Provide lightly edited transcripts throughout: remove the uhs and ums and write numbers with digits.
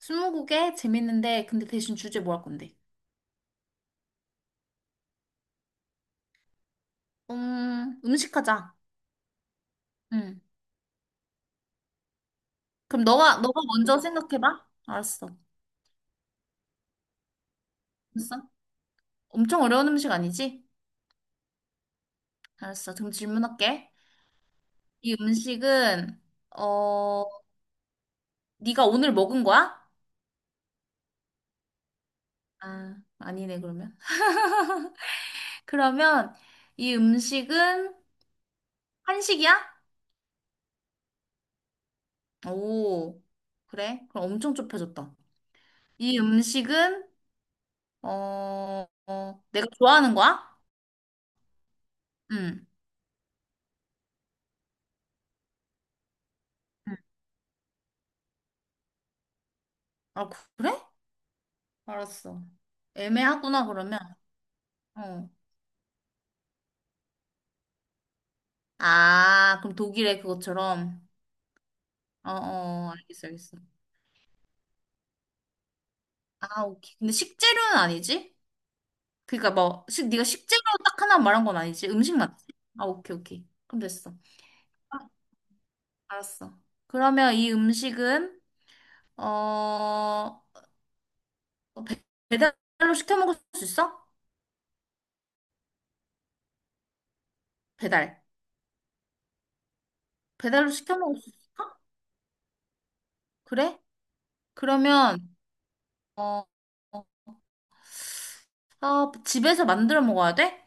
스무고개 재밌는데 근데 대신 주제 뭐 할 건데? 음식 하자. 응. 그럼 너가 먼저 생각해봐. 알았어. 됐어? 엄청 어려운 음식 아니지? 알았어. 그럼 질문할게. 이 음식은 어 네가 오늘 먹은 거야? 아 아니네 그러면. 그러면 이 음식은 한식이야? 오 그래? 그럼 엄청 좁혀졌다. 이 음식은 내가 좋아하는 거야? 응. 응. 아 그래? 알았어. 애매하구나, 그러면. 어. 아, 그럼 독일의 그것처럼. 어, 어, 알겠어, 알겠어. 아, 오케이. 근데 식재료는 아니지? 그러니까 뭐, 식, 네가 식재료 딱 하나 말한 건 아니지? 음식 맞지? 아, 오케이, 오케이. 그럼 됐어. 아, 알았어. 그러면 이 음식은, 어, 어, 배- 배달로 시켜 먹을 수 있어? 배달. 배달로 시켜 먹을 수 있어? 그래? 그러면, 어, 어, 아, 집에서 만들어 먹어야 돼?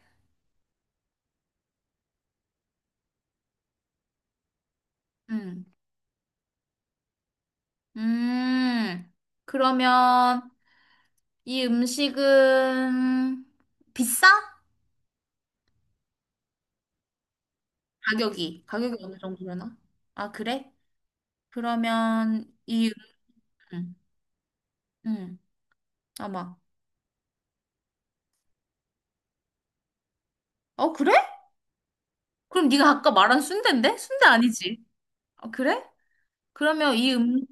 응. 음, 그러면 이 음식은 비싸? 가격이 어느 정도려나? 아, 그래? 그러면 이, 음, 음, 아마. 어, 그래? 그럼 네가 아까 말한 순대인데? 순대 아니지? 아, 그래? 그러면 이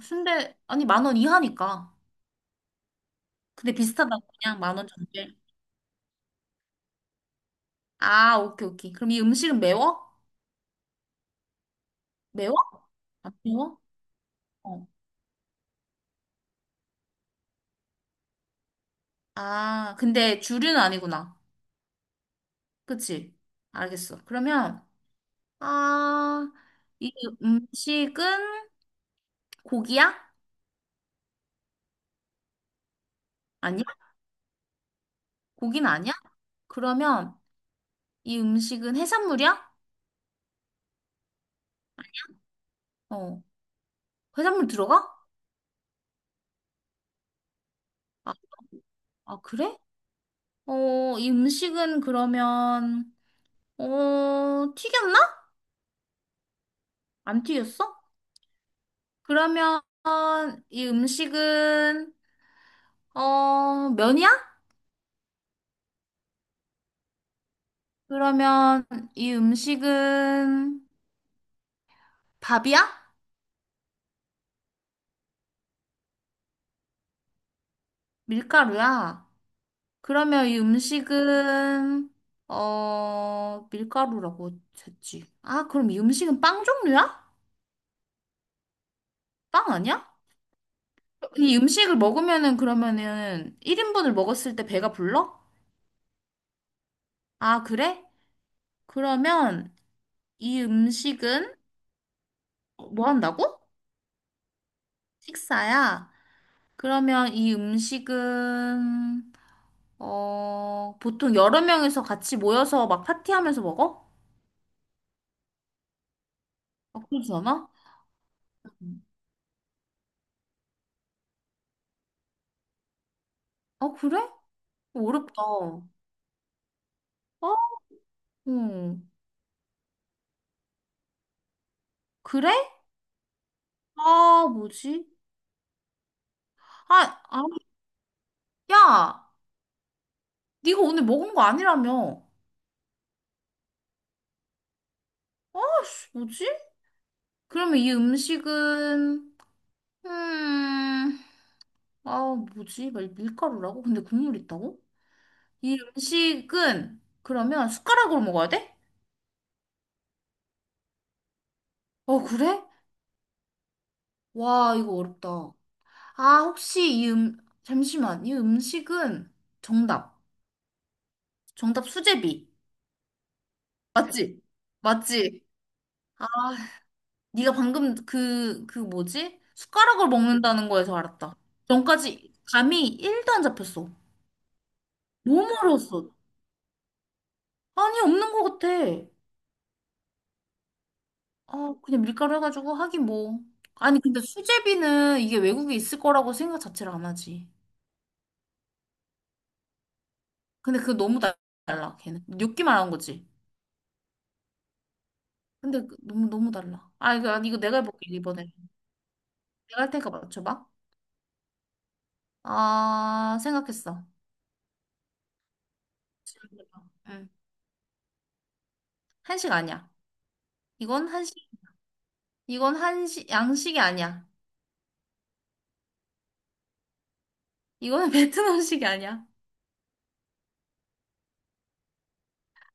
순대, 아니, 10,000원 이하니까. 근데 비슷하다고 그냥 10,000원 정도. 아, 오케이, 오케이. 그럼 이 음식은 매워? 매워? 안 매워? 어. 아, 근데 주류는 아니구나. 그치? 알겠어. 그러면, 아, 이 음식은 고기야? 아니야? 고기는 아니야? 그러면 이 음식은 해산물이야? 어, 해산물 들어가? 아, 아, 그래? 어, 이 음식은 그러면, 어, 튀겼나? 안 튀겼어? 그러면 이 음식은, 어, 면이야? 그러면 이 음식은 밥이야? 밀가루야? 그러면 이 음식은 어 밀가루라고 했지. 아, 그럼 이 음식은 빵 종류야? 빵 아니야? 이 음식을 먹으면은 그러면은 1인분을 먹었을 때 배가 불러? 아, 그래? 그러면 이 음식은 뭐 한다고? 식사야. 그러면 이 음식은 보통 여러 명이서 같이 모여서 막 파티하면서 먹어? 아, 그러지 않아? 어, 그래? 어, 어렵다. 어? 응. 그래? 아, 뭐지? 아, 아니, 야, 네가 오늘 먹은 거 아니라며. 아, 씨, 뭐지? 그러면 이 음식은, 음, 아, 뭐지? 막 밀가루라고? 근데 국물 있다고? 이 음식은, 그러면 숟가락으로 먹어야 돼? 어, 그래? 와, 이거 어렵다. 아, 혹시 이 잠시만. 이 음식은 정답. 정답 수제비. 맞지? 맞지? 아, 네가 방금 그, 그 뭐지? 숟가락을 먹는다는 거에서 알았다. 전까지 감이 1도 안 잡혔어. 너무 어려웠어. 아니, 없는 것 같아. 아, 그냥 밀가루 해가지고 하긴 뭐. 아니, 근데 수제비는 이게 외국에 있을 거라고 생각 자체를 안 하지. 근데 달라, 걔는. 뇨끼만 한 거지. 근데 너무, 너무 달라. 아, 이거, 아니, 이거 내가 해볼게, 이번에. 내가 할 테니까 맞춰봐. 아, 생각했어. 질문해봐. 응. 한식 아니야. 이건 한식, 이건 한식, 양식이 아니야. 이거는 베트남식이 아니야.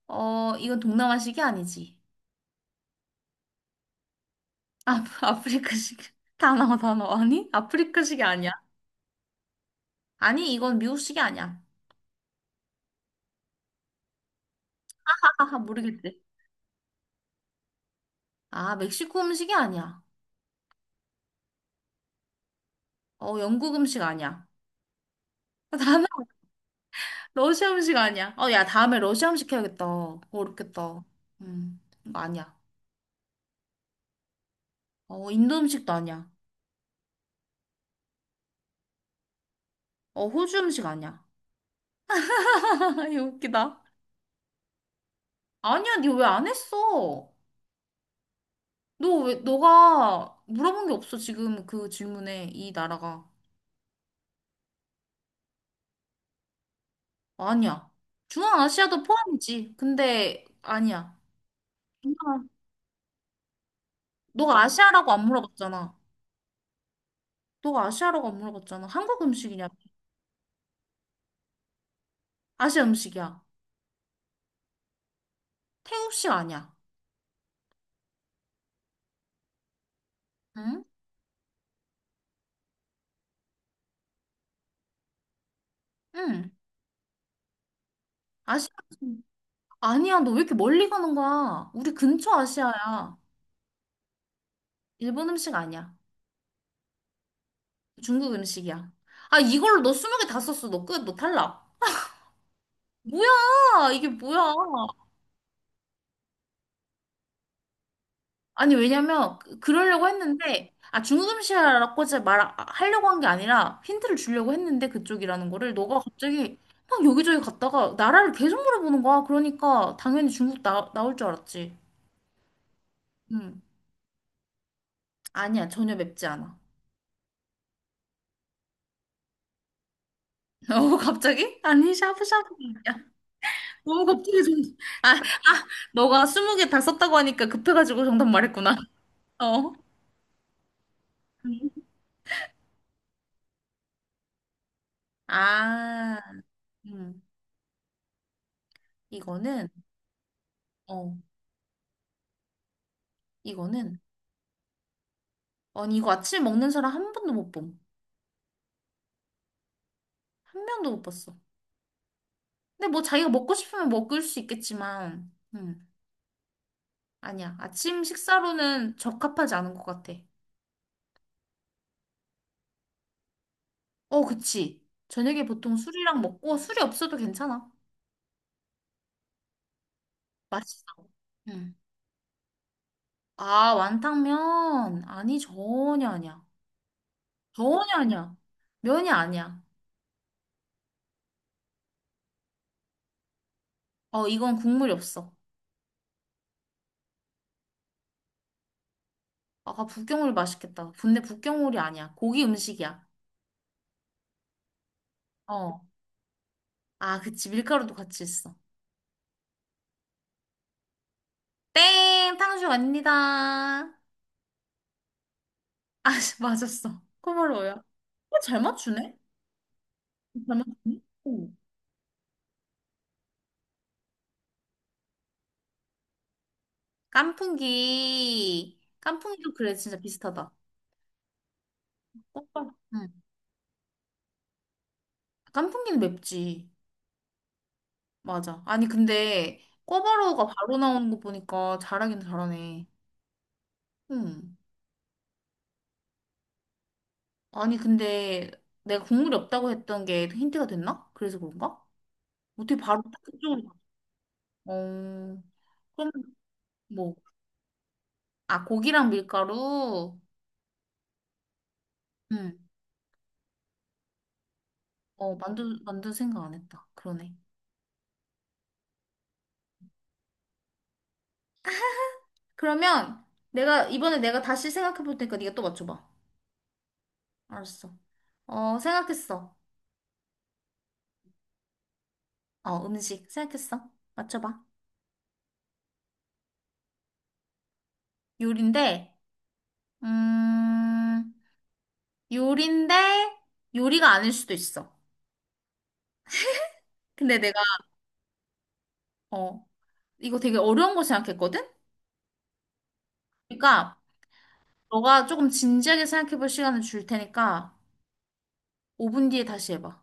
어, 이건 동남아식이 아니지. 아, 아프리카식. 단어, 단어. 아니? 아프리카식이 아니야. 아니, 이건 미국식이 아니야. 아, 모르겠지. 아, 멕시코 음식이 아니야. 어, 영국 음식 아니야. 아, 다음에 러시아 음식 아니야. 어, 야, 다음에 러시아 음식 해야겠다. 어렵겠다. 이거 아니야. 어, 인도 음식도 아니야. 어, 호주 음식 아니야. 이거 웃기다. 아니야, 니 왜 안 했어? 너 왜, 너가 물어본 게 없어, 지금 그 질문에, 이 나라가. 아니야. 중앙아시아도 포함이지. 근데, 아니야. 중앙- 너가 아시아라고 안 물어봤잖아. 너가 아시아라고 안 물어봤잖아. 한국 음식이냐? 아시아 음식이야. 태국식 아니야. 응? 응. 아시아 음식. 아니야. 너 왜 이렇게 멀리 가는 거야? 우리 근처 아시아야. 일본 음식 아니야. 중국 음식이야. 아, 이걸로 너 20개 다 썼어. 너 끝. 너 탈락. 뭐야? 이게 뭐야? 아니, 왜냐면, 그러려고 했는데, 아, 중국 음식 이라고 제가 말, 아, 하려고 한 게 아니라, 힌트를 주려고 했는데, 그쪽이라는 거를, 너가 갑자기 막 여기저기 갔다가, 나라를 계속 물어보는 거야. 그러니까, 당연히 나올 줄 알았지. 응. 아니야, 전혀 맵지 않아. 어, 갑자기? 아니, 샤브샤브. 야, 너무 갑자기 좀, 아, 너가 20개 다 썼다고 하니까 급해가지고 정답 말했구나. 어. 응. 아, 음, 이거는, 어, 이거는, 아니, 이거 아침에 먹는 사람 한 번도 못 봄. 한 명도 못 봤어. 근데 뭐 자기가 먹고 싶으면 먹을 수 있겠지만, 아니야. 아침 식사로는 적합하지 않은 것 같아. 어, 그치. 저녁에 보통 술이랑 먹고 술이 없어도 괜찮아. 맛있어. 음. 아, 완탕면? 아니, 전혀 아니야. 전혀 아니야. 면이 아니야. 어, 이건 국물이 없어. 아 북경오리 맛있겠다. 근데 북경오리 아니야. 고기 음식이야. 어. 아, 그치. 밀가루도 같이 있어. 땡! 탕수육 아닙니다. 아, 씨, 맞았어. 코바로우야. 어, 잘 맞추네? 잘 맞추네? 오. 깐풍기. 깐풍기도 그래, 진짜 비슷하다. 꼬바. 응. 깐풍기는 맵지. 맞아. 아니, 근데 꼬바로우가 바로 나오는 거 보니까 잘하긴 잘하네. 응. 아니, 근데 내가 국물이 없다고 했던 게 힌트가 됐나? 그래서 그런가? 어떻게 바로 딱 그쪽으로 가? 어, 그럼 뭐, 아, 고기랑 밀가루? 응. 어, 만두, 만두 생각 안 했다. 그러네. 그러면 내가, 이번에 내가 다시 생각해 볼 테니까 네가 또 맞춰봐. 알았어. 어, 생각했어. 어, 음식 생각했어. 맞춰봐. 요리인데, 음, 요리인데, 요리가 아닐 수도 있어. 근데 내가, 어, 이거 되게 어려운 거 생각했거든? 그러니까, 너가 조금 진지하게 생각해 볼 시간을 줄 테니까, 5분 뒤에 다시 해봐.